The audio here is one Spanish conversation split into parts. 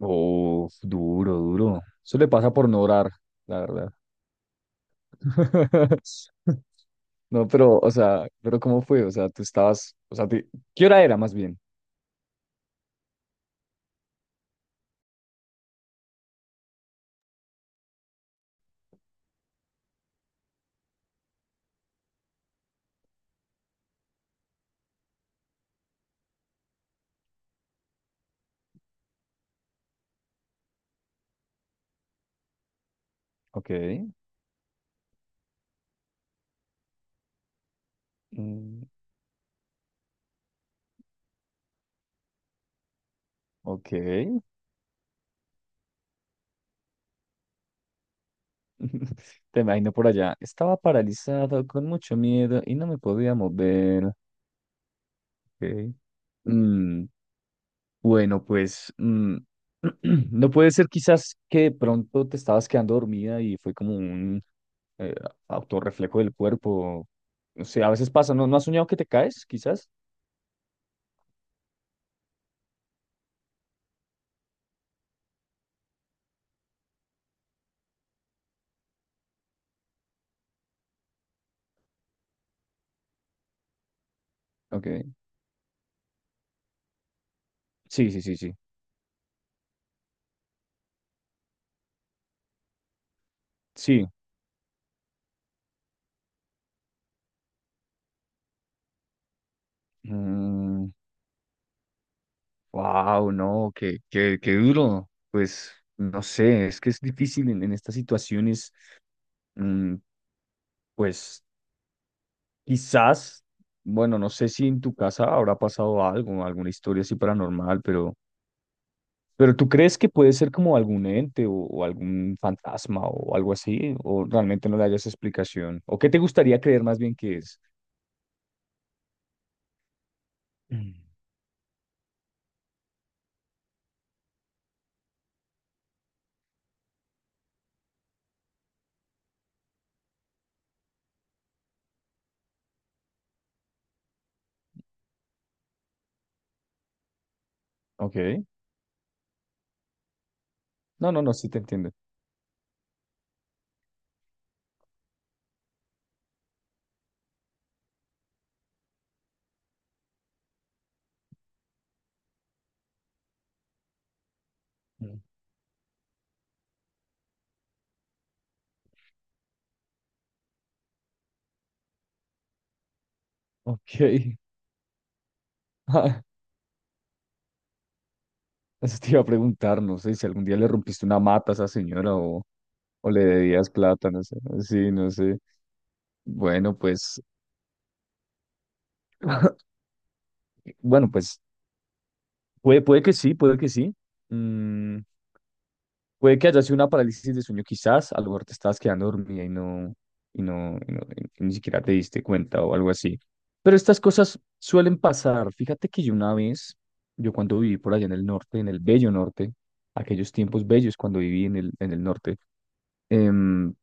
Oh, duro, duro. Eso le pasa por no orar, la verdad. No, pero, o sea, pero ¿cómo fue? O sea, tú estabas, o sea, te- ¿qué hora era más bien? Ok. Mm. Ok. Te imagino por allá. Estaba paralizado con mucho miedo y no me podía mover. Ok. Mm, bueno, pues, no puede ser quizás que de pronto te estabas quedando dormida y fue como un eh, autorreflejo del cuerpo. O sea, a veces pasa, ¿no? ¿No has soñado que te caes, quizás? Ok. Sí, sí, sí, sí. Sí. Wow, no, qué, qué, qué duro. Pues, no sé, es que es difícil en estas situaciones. mm, pues, quizás, bueno, no sé si en tu casa habrá pasado algo, alguna historia así paranormal, pero ¿tú crees que puede ser como algún ente o algún fantasma o algo así? ¿O realmente no le hayas explicación? ¿O qué te gustaría creer más bien que es? Mm. Ok. No, no, no, sí te entiendo. Mm. Ok. Ah, eso te iba a preguntar, no sé si algún día le rompiste una mata a esa señora o le debías plata, no sé. Sí, no sé. Bueno, pues, bueno, pues, puede, puede que sí, puede que sí. Mm. Puede que haya sido una parálisis de sueño, quizás, a lo mejor te estabas quedando dormida y no, y no- y ni siquiera te diste cuenta o algo así. Pero estas cosas suelen pasar. Fíjate que yo una vez, yo cuando viví por allá en el norte, en el bello norte, aquellos tiempos bellos cuando viví en el norte, em,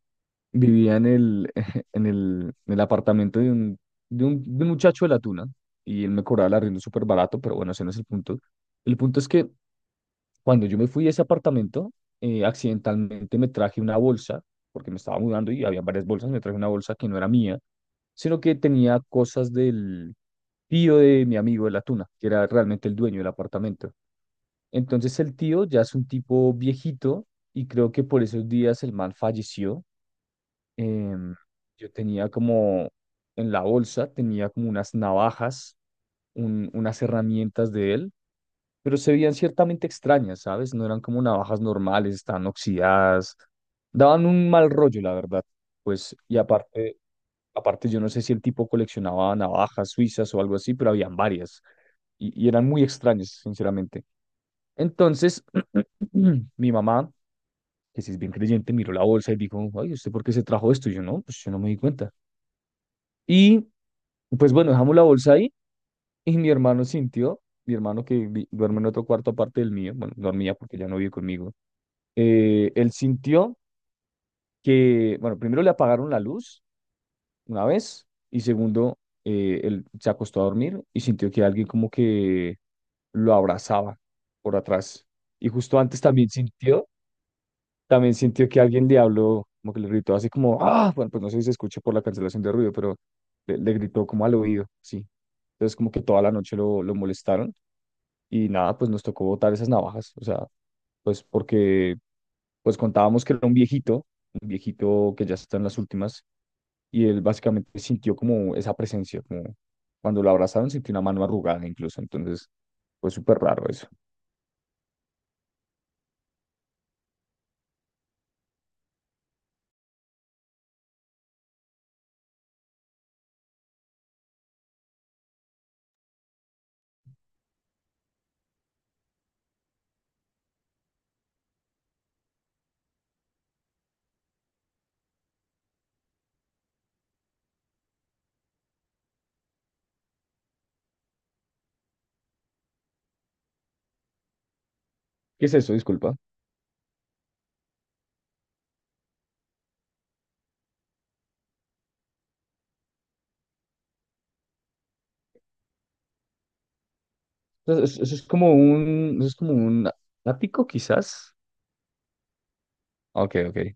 vivía en el, en el apartamento de un muchacho de la tuna y él me cobraba el arriendo súper barato, pero bueno, ese no es el punto. El punto es que cuando yo me fui de ese apartamento, accidentalmente me traje una bolsa, porque me estaba mudando y había varias bolsas, me traje una bolsa que no era mía, sino que tenía cosas del tío de mi amigo de la tuna, que era realmente el dueño del apartamento. Entonces el tío ya es un tipo viejito y creo que por esos días el man falleció. Em, yo tenía como en la bolsa, tenía como unas navajas, unas herramientas de él, pero se veían ciertamente extrañas, ¿sabes? No eran como navajas normales, estaban oxidadas, daban un mal rollo, la verdad. Pues, y aparte, aparte yo no sé si el tipo coleccionaba navajas suizas o algo así, pero habían varias y eran muy extrañas, sinceramente. Entonces, mi mamá, que sí es bien creyente, miró la bolsa y dijo, ay, ¿usted por qué se trajo esto? Y yo no, pues yo no me di cuenta. Y pues bueno, dejamos la bolsa ahí y mi hermano sintió, mi hermano que duerme en otro cuarto aparte del mío, bueno, dormía porque ya no vive conmigo. Él sintió que, bueno, primero le apagaron la luz una vez y segundo, él se acostó a dormir y sintió que alguien como que lo abrazaba por atrás. Y justo antes también sintió que alguien le habló, como que le gritó así como, ah, bueno, pues no sé si se escucha por la cancelación de ruido, pero le gritó como al oído, sí. Entonces como que toda la noche lo molestaron y nada, pues nos tocó botar esas navajas, o sea, pues porque pues contábamos que era un viejito que ya está en las últimas, y él básicamente sintió como esa presencia, como cuando lo abrazaron sintió una mano arrugada incluso, entonces fue súper raro eso. ¿Qué es eso? Disculpa. Entonces, eso es como un, eso es como un ático quizás. Ok, ok.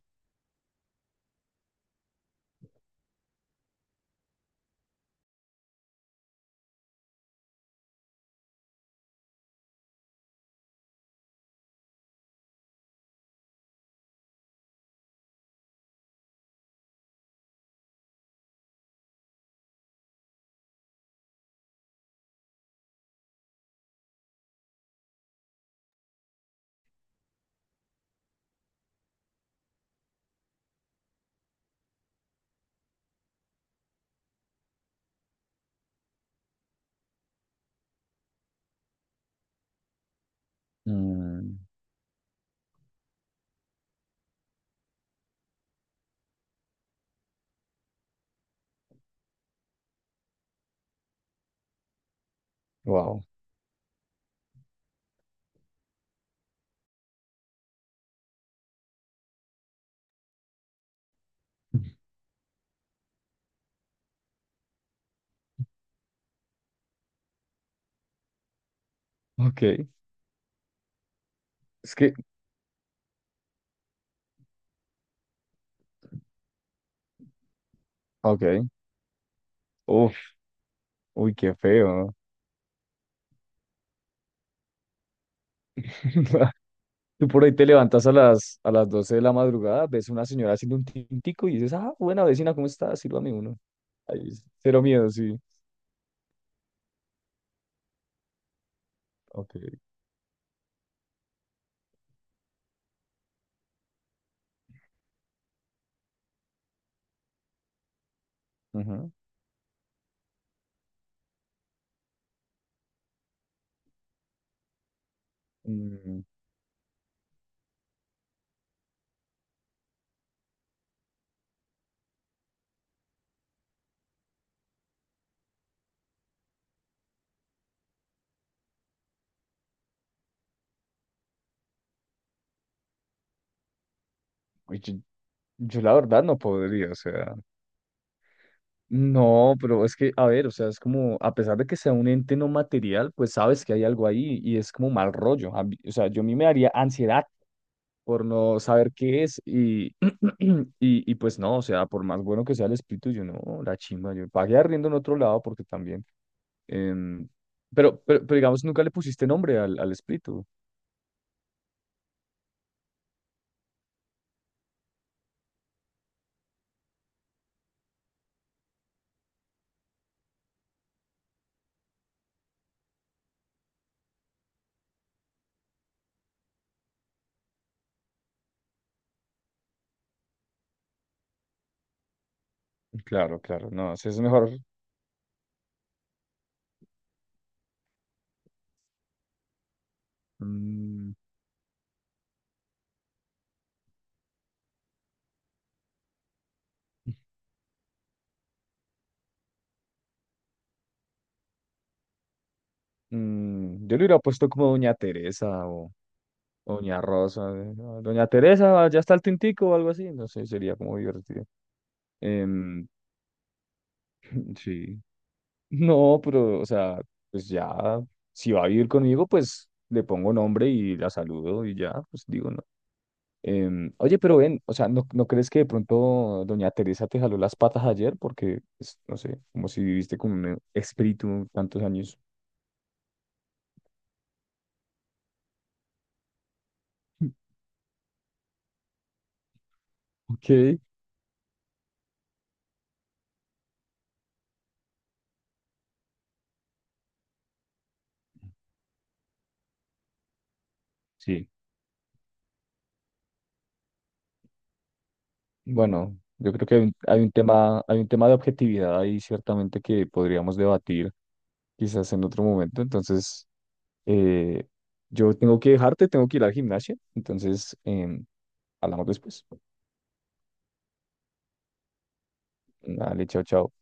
Mm. Wow. Ok. Es que, ok. Uf, uy, qué feo. Tú por ahí te levantas a las 12 de la madrugada, ves una señora haciendo un tintico y dices, ah, buena vecina, ¿cómo estás? Sírvame uno. Ay, cero miedo, sí. Ok. Ujú. Mm, uy, yo la verdad no podría, o sea, no, pero es que, a ver, o sea, es como, a pesar de que sea un ente no material, pues sabes que hay algo ahí y es como mal rollo. A mí- o sea, yo a mí me daría ansiedad por no saber qué es y, y pues no, o sea, por más bueno que sea el espíritu, yo no, la chimba, yo pagué arriendo en otro lado porque también. em, pero, pero digamos, nunca le pusiste nombre al, al espíritu. Claro, claro, no, si es mejor. Mm. Mm, yo le hubiera puesto como Doña Teresa o Doña Rosa. No, Doña Teresa, ya está el tintico o algo así. No sé, sería como divertido. Em, sí. No, pero, o sea, pues ya, si va a vivir conmigo, pues le pongo nombre y la saludo y ya, pues digo, no. Oye, pero ven, o sea, ¿no, no crees que de pronto Doña Teresa te jaló las patas ayer? Porque, pues, no sé, como si viviste con un espíritu tantos años. Ok, sí. Bueno, yo creo que hay un tema de objetividad ahí ciertamente que podríamos debatir quizás en otro momento. Entonces, eh, yo tengo que dejarte, tengo que ir al gimnasio. Entonces, hablamos después. Dale, chao, chao.